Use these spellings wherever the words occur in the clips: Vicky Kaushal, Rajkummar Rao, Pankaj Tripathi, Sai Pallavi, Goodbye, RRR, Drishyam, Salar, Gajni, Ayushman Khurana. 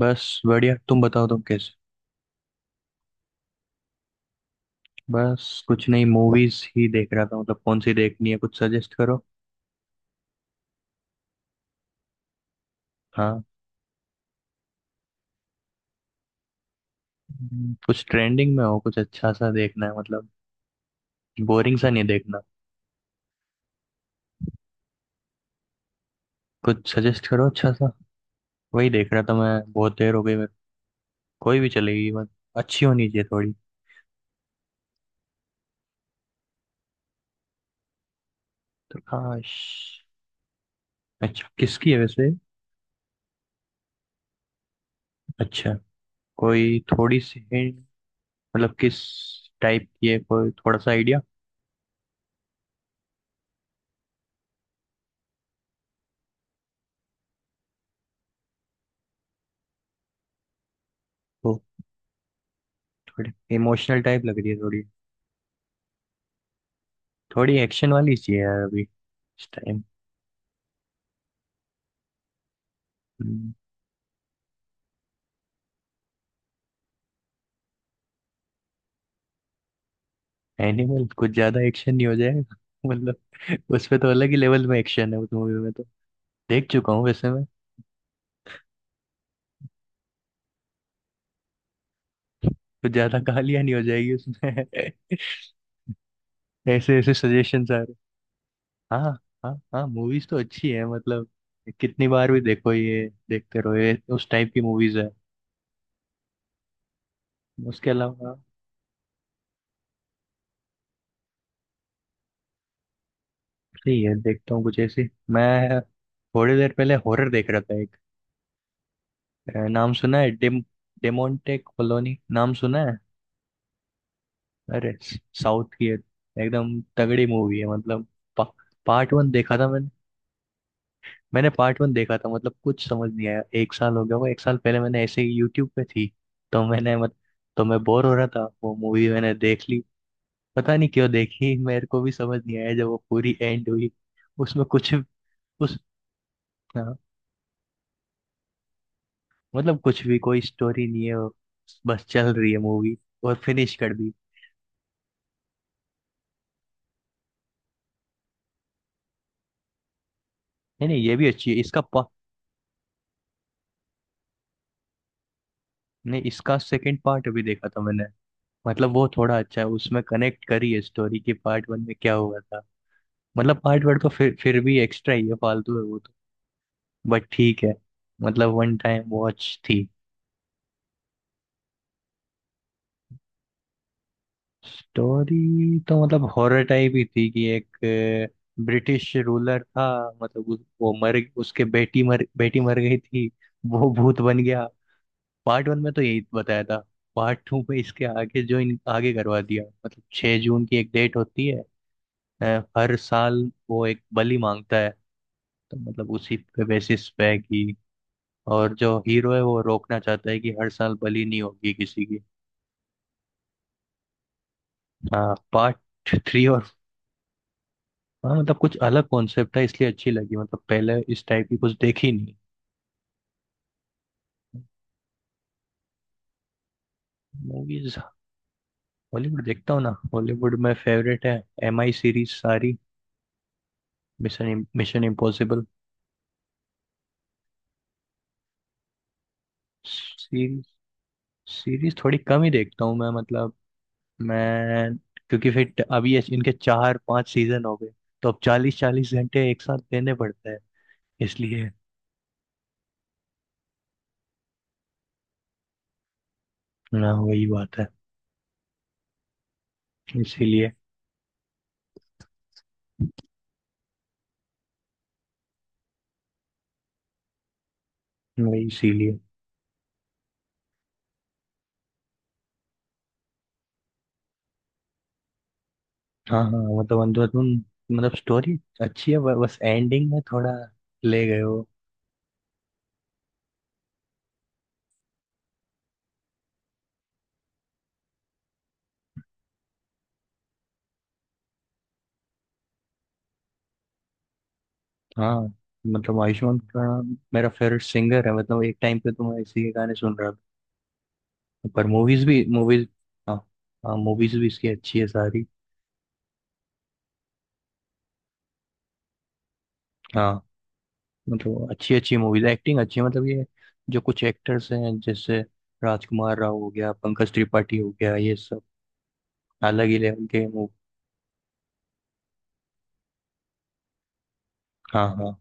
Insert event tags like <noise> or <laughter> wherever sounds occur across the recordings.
बस बढ़िया। तुम बताओ, तुम कैसे? बस कुछ नहीं, मूवीज ही देख रहा था। मतलब कौन सी देखनी है? कुछ सजेस्ट करो। हाँ। कुछ ट्रेंडिंग में हो, कुछ अच्छा सा देखना है मतलब। बोरिंग सा नहीं देखना। कुछ सजेस्ट करो अच्छा सा। वही देख रहा था मैं, बहुत देर हो गई मेरे को। कोई भी चलेगी बस। अच्छी होनी चाहिए थोड़ी। तो काश। अच्छा किसकी है वैसे? अच्छा। कोई थोड़ी सी हिंट? मतलब किस टाइप की है, कोई थोड़ा सा आइडिया हो? थोड़ी इमोशनल टाइप लग रही है थोड़ी। थोड़ी एक्शन वाली चाहिए यार अभी इस टाइम। एनिमल कुछ ज्यादा एक्शन नहीं हो जाएगा? <laughs> मतलब उसमें तो अलग ही लेवल में एक्शन है उस मूवी में तो। देख चुका हूँ वैसे मैं। कुछ ज्यादा गालियां नहीं हो जाएगी उसमें? <laughs> ऐसे ऐसे सजेशन आ रहे। हाँ। हाँ हाँ, मूवीज तो अच्छी है मतलब। कितनी बार भी देखो ये, देखते रहो ये, उस टाइप की मूवीज है। उसके अलावा? सही है, देखता हूँ कुछ ऐसी मैं। थोड़ी देर पहले हॉरर देख रहा था एक। नाम सुना है डेम। डेमोन्टे कॉलोनी नाम सुना है? अरे। साउथ की एक- एकदम तगड़ी मूवी है मतलब। पा, पार्ट वन देखा था मैंने। मैंने पार्ट वन देखा था, मतलब कुछ समझ नहीं आया। एक साल हो गया, वो एक साल पहले मैंने ऐसे ही यूट्यूब पे थी। तो मैंने मत। तो मैं बोर हो रहा था, वो मूवी मैंने देख ली। पता नहीं क्यों देखी, मेरे को भी समझ नहीं आया जब वो पूरी एंड हुई। उसमें कुछ। उस। हाँ, मतलब कुछ भी, कोई स्टोरी नहीं है वो। बस चल रही है मूवी और फिनिश कर दी। नहीं नहीं, ये भी अच्छी है इसका नहीं, इसका सेकंड पार्ट अभी देखा था मैंने। मतलब वो थोड़ा अच्छा है, उसमें कनेक्ट करी है स्टोरी के, पार्ट वन में क्या हुआ था। मतलब पार्ट वन तो फिर भी एक्स्ट्रा ही है, फालतू है वो तो। बट ठीक है। मतलब वन टाइम वॉच थी। स्टोरी तो मतलब हॉरर टाइप ही थी कि एक ब्रिटिश रूलर था। मतलब उस, वो मर, उसके बेटी मर, बेटी मर गई थी। वो भूत बन गया। पार्ट वन में तो यही बताया था। पार्ट टू में इसके आगे जो इन आगे करवा दिया। मतलब 6 जून की एक डेट होती है, अ, हर साल। वो एक बलि मांगता है। तो मतलब उसी पे बेसिस पे है कि, और जो हीरो है वो रोकना चाहता है कि हर साल बलि नहीं होगी किसी की। हाँ पार्ट थ्री और। हाँ मतलब कुछ अलग कॉन्सेप्ट है इसलिए अच्छी लगी, मतलब पहले इस टाइप की कुछ देखी नहीं। मूवीज। हॉलीवुड देखता हूँ ना, हॉलीवुड में फेवरेट है MI सीरीज सारी। Mission mission impossible. Series. Series थोड़ी कम ही देखता हूँ मैं मतलब। मैं क्योंकि फिर ट- अभी इस- इनके 4 5 सीजन हो गए, तो अब 40 40 घंटे एक साथ देने पड़ते हैं इसलिए। ना वही बात है। इसीलिए। वही इसीलिए। हाँ हाँ मतलब अंदर तुम। मतलब स्टोरी अच्छी है, ब- बस एंडिंग में थोड़ा ले गए हो। हाँ मतलब आयुष्मान खुराना मेरा फेवरेट सिंगर है, मतलब एक टाइम पे तो मैं इसी के गाने सुन रहा था, पर मूवीज भी। मूवीज। हाँ। हाँ मूवीज भी इसकी अच्छी है सारी। हाँ मतलब अच्छी अच्छी मूवीज, एक्टिंग अच्छी है मतलब ये जो कुछ एक्टर्स हैं जैसे राजकुमार राव हो गया, पंकज त्रिपाठी हो गया, ये सब अलग ही लेवल के मूव। हाँ हाँ।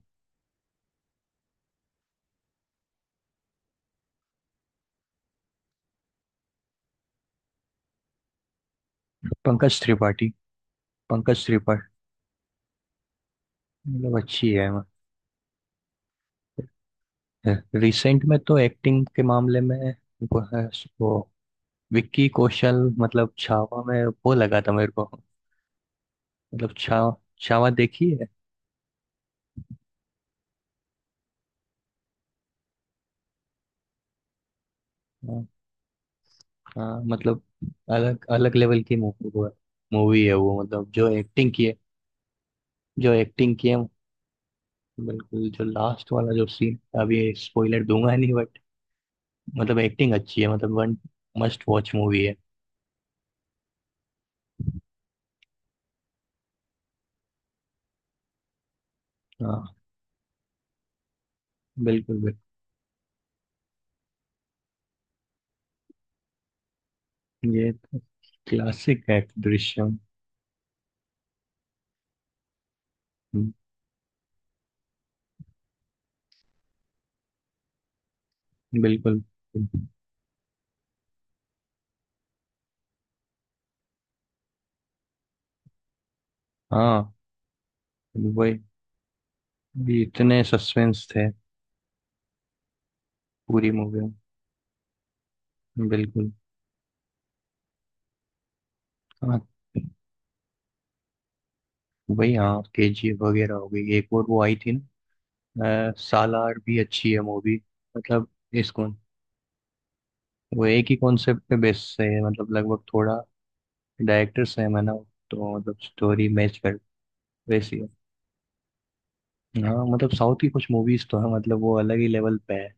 पंकज त्रिपाठी। पंकज त्रिपाठी। मतलब अच्छी है। रिसेंट में तो एक्टिंग के मामले में वो है। वो विक्की कौशल, मतलब छावा में वो लगा था मेरे को। मतलब छावा। छावा देखी है? हाँ। हाँ, मतलब अलग अलग लेवल की मूवी वो है। मूवी है वो, मतलब जो एक्टिंग की है, जो एक्टिंग की है, बिल्कुल, जो लास्ट वाला जो सीन, अभी स्पॉइलर दूंगा नहीं, बट मतलब एक्टिंग अच्छी है मतलब वन मस्ट वॉच मूवी है। हाँ बिल्कुल। बिल्कुल ये क्लासिक है दृश्यम। हम्म, बिल्कुल। हाँ वही। ये इतने सस्पेंस थे पूरी मूवी में, बिल्कुल। हाँ वही। हाँ केजी वगैरह हो गई, एक और वो आई थी ना। सालार भी अच्छी है मूवी। मतलब। इस कौन। वो एक ही कॉन्सेप्ट पे बेस्ड है मतलब लगभग, थोड़ा डायरेक्टर सेम है ना, तो मतलब स्टोरी मैच कर वैसी है। हाँ मतलब साउथ की कुछ मूवीज तो है मतलब, वो अलग ही लेवल पे है।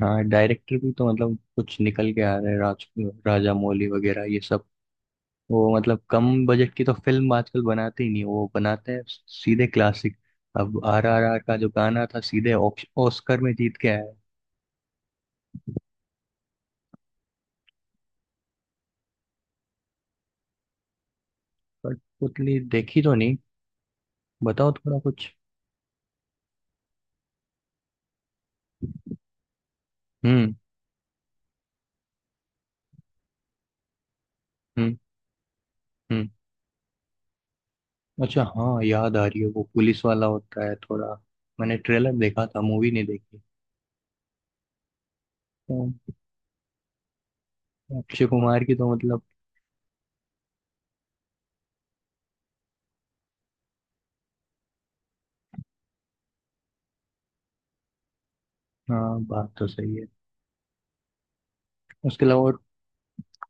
हाँ डायरेक्टर भी तो मतलब कुछ निकल के आ रहे हैं। राज, राजा मौली वगैरह ये सब। वो मतलब कम बजट की तो फिल्म आजकल बनाते ही नहीं, वो बनाते हैं सीधे क्लासिक। अब RRR का जो गाना था सीधे ऑक्स- ऑस्कर में जीत के आया है। बट उतनी देखी तो नहीं। बताओ थोड़ा कुछ। हम्म। हम्म। हम्म। अच्छा हाँ, याद आ रही है, वो पुलिस वाला होता है थोड़ा। मैंने ट्रेलर देखा था, मूवी नहीं देखी। तो अक्षय कुमार की तो मतलब। हाँ बात तो सही है। उसके अलावा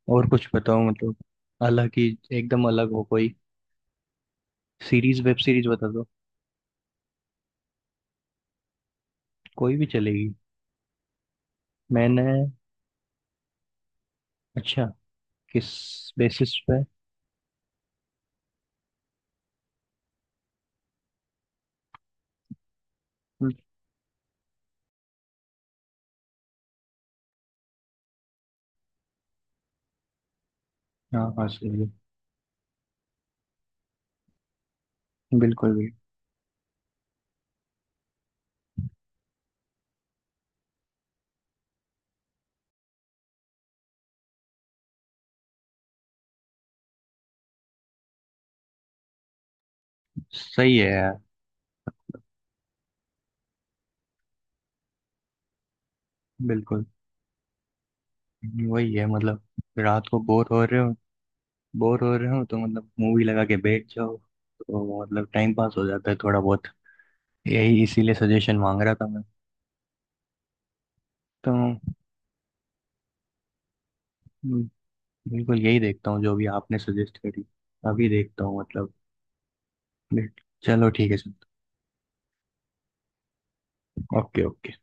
और कुछ बताओ मतलब। अलग ही, एकदम अलग हो कोई। सीरीज, वेब सीरीज बता दो। कोई भी चलेगी। मैंने। अच्छा। किस बेसिस पे? हाँ हाँ सही है। बिल्कुल भी। सही है यार। बिल्कुल, वही है मतलब। रात को बोर हो रहे हो, बोर हो रहे हो तो मतलब मूवी लगा के बैठ जाओ तो मतलब टाइम पास हो जाता है थोड़ा बहुत। यही इसीलिए सजेशन मांग रहा था मैं। तो बिल्कुल यही देखता हूँ जो भी आपने सजेस्ट करी। अभी देखता हूँ मतलब। चलो ठीक है सर। Okay okay.